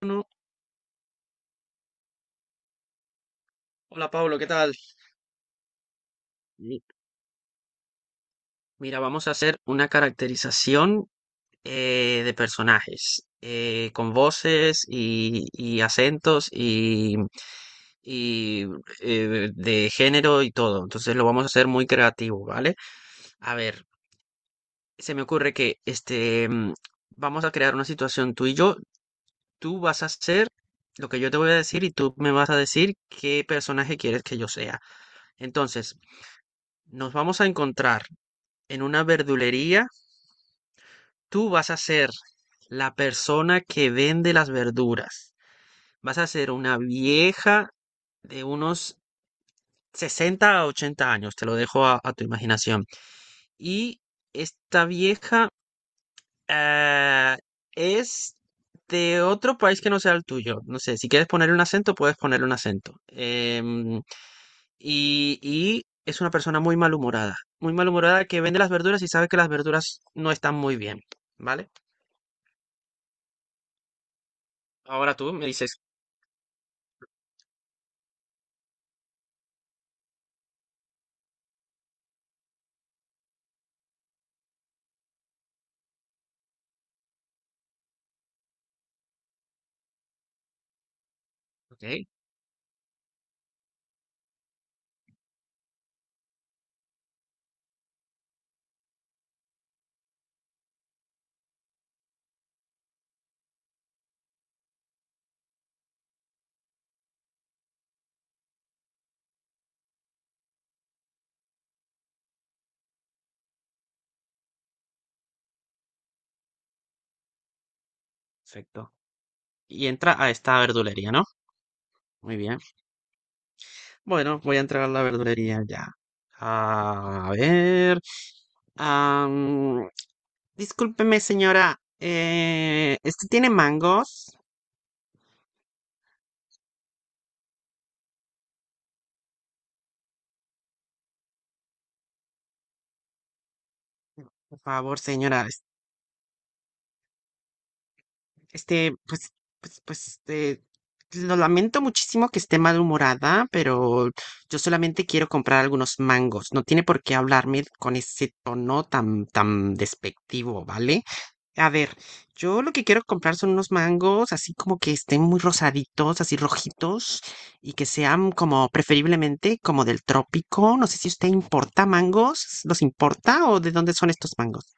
Bueno, hola Pablo, ¿qué tal? Mi- Mira, vamos a hacer una caracterización de personajes con voces y acentos y de género y todo. Entonces lo vamos a hacer muy creativo, ¿vale? A ver, se me ocurre que vamos a crear una situación tú y yo. Tú vas a hacer lo que yo te voy a decir y tú me vas a decir qué personaje quieres que yo sea. Entonces, nos vamos a encontrar en una verdulería, tú vas a ser la persona que vende las verduras. Vas a ser una vieja de unos 60 a 80 años, te lo dejo a tu imaginación. Y esta vieja eh, es de otro país que no sea el tuyo. No sé, si quieres ponerle un acento, puedes ponerle un acento. Y es una persona muy malhumorada que vende las verduras y sabe que las verduras no están muy bien, ¿vale? Ahora tú me dices, ok, perfecto. Y entra a esta verdulería, ¿no? Muy bien. Bueno, voy a entrar a la verdulería ya. A ver. am, discúlpeme, señora. ¿Este tiene mangos? Por favor, señora. Este, pues, pues, lo lamento muchísimo que esté malhumorada, pero yo solamente quiero comprar algunos mangos. No tiene por qué hablarme con ese tono tan, tan despectivo, ¿vale? A ver, yo lo que quiero comprar son unos mangos así como que estén muy rosaditos, así rojitos, y que sean como preferiblemente como del trópico. No sé si usted importa mangos, ¿los importa o de dónde son estos mangos?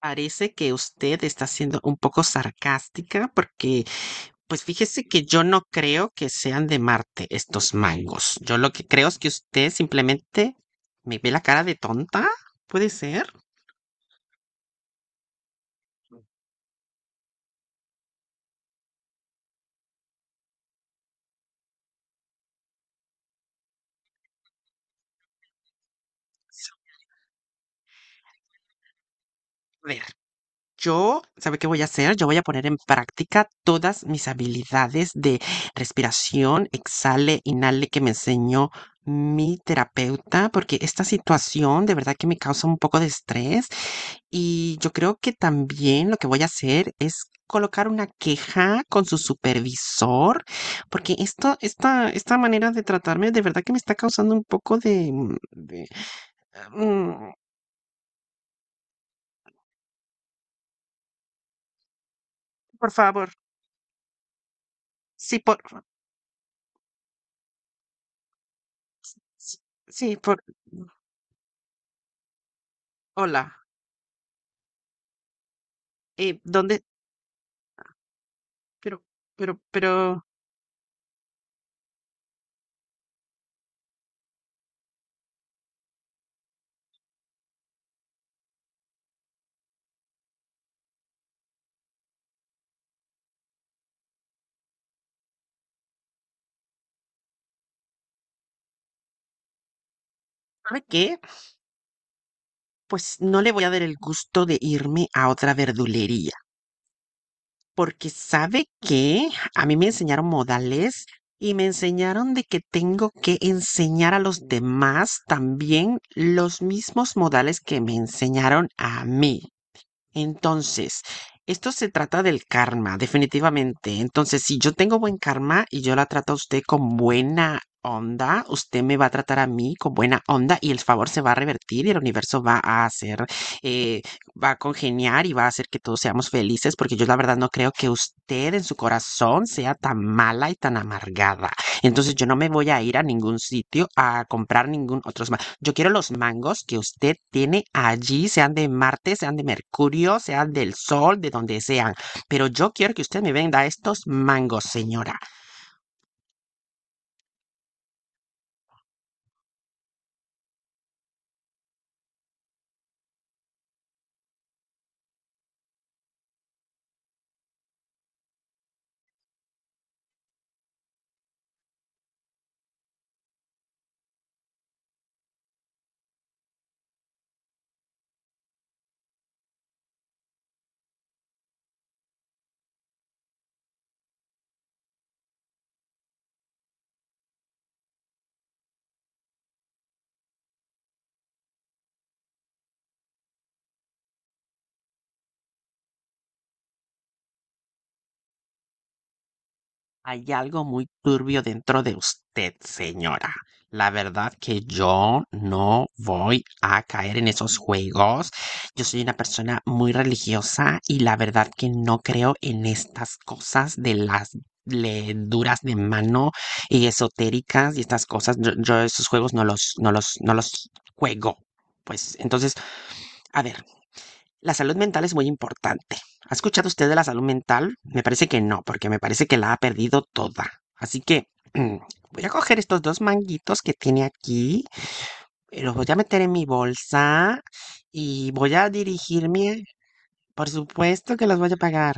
Parece que usted está siendo un poco sarcástica porque, pues fíjese que yo no creo que sean de Marte estos mangos. Yo lo que creo es que usted simplemente me ve la cara de tonta. ¿Puede ser? A ver, yo, ¿sabe qué voy a hacer? Yo voy a poner en práctica todas mis habilidades de respiración, exhale, inhale que me enseñó mi terapeuta, porque esta situación de verdad que me causa un poco de estrés y yo creo que también lo que voy a hacer es colocar una queja con su supervisor, porque esto, esta manera de tratarme de verdad que me está causando un poco de, de, mm, por favor, sí, por, sí, por, hola. ¿Dónde? Pero, pero, ¿sabe qué? Pues no le voy a dar el gusto de irme a otra verdulería, porque ¿sabe qué? A mí me enseñaron modales y me enseñaron de que tengo que enseñar a los demás también los mismos modales que me enseñaron a mí. Entonces, esto se trata del karma, definitivamente. Entonces, si yo tengo buen karma y yo la trato a usted con buena onda, usted me va a tratar a mí con buena onda y el favor se va a revertir y el universo va a hacer, eh, va a congeniar y va a hacer que todos seamos felices, porque yo la verdad no creo que usted en su corazón sea tan mala y tan amargada. Entonces, yo no me voy a ir a ningún sitio a comprar ningún otro, yo quiero los mangos que usted tiene allí, sean de Marte, sean de Mercurio, sean del Sol, de donde sean. Pero yo quiero que usted me venda estos mangos, señora. Hay algo muy turbio dentro de usted, señora. La verdad que yo no voy a caer en esos juegos. Yo soy una persona muy religiosa y la verdad que no creo en estas cosas de las duras de mano y esotéricas y estas cosas. Yo esos juegos no los juego. Pues entonces, a ver. La salud mental es muy importante. ¿Ha escuchado usted de la salud mental? Me parece que no, porque me parece que la ha perdido toda. Así que voy a coger estos dos manguitos que tiene aquí, los voy a meter en mi bolsa y voy a dirigirme. Por supuesto que los voy a pagar.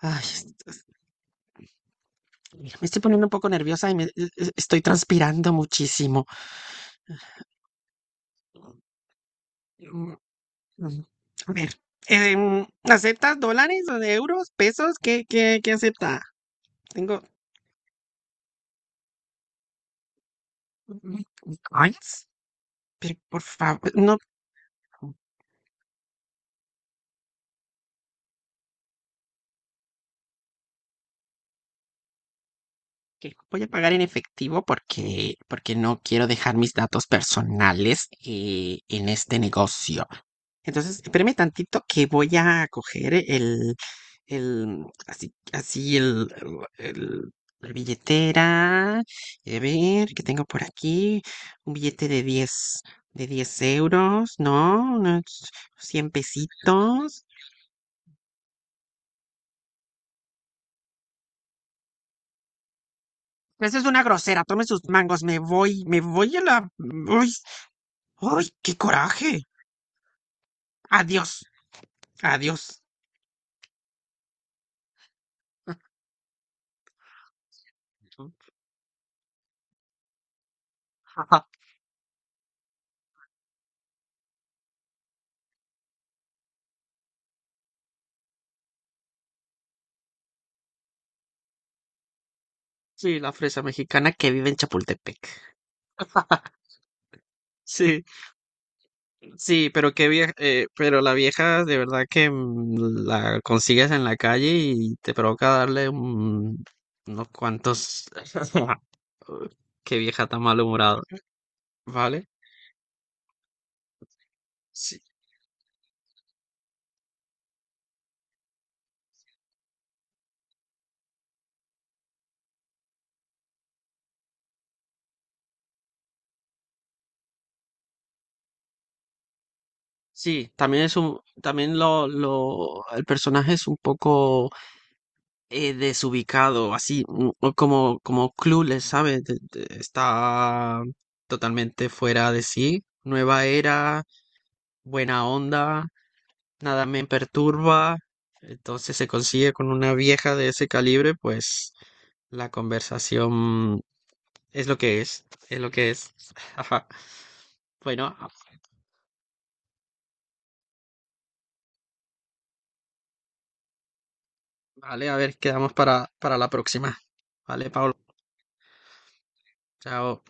Ay, mira, me estoy poniendo un poco nerviosa y me, estoy transpirando muchísimo. Mm, mm, A ver, ¿aceptas dólares, o euros, pesos? ¿Qué, qué, qué acepta? Tengo, ¿Me coins? Pero por favor, no, que voy a pagar en efectivo porque, porque no quiero dejar mis datos personales en este negocio. Entonces, espéreme tantito que voy a coger así el- el- la billetera. A ver, ¿qué tengo por aquí? Un billete de diez euros, ¿no? Unos 100 pesitos. Esa es una grosera. Tome sus mangos. Me voy. Me voy a la. Uy, uy, qué coraje. Adiós. Adiós. Ajá. Sí, la fresa mexicana que vive en Chapultepec. Sí, sí, pero qué vieja, pero la vieja de verdad que la consigues en la calle y te provoca darle un- unos cuantos. Qué vieja tan malhumorada, ¿vale? Sí, sí, también es un, también lo, el personaje es un poco desubicado, así o como clueless, ¿sabes? Está totalmente fuera de sí. Nueva era, buena onda, nada me perturba. Entonces se consigue con una vieja de ese calibre, pues la conversación es lo que es lo que es. Ajá. Bueno, vale, a ver, quedamos para la próxima. Vale, Pablo, chao.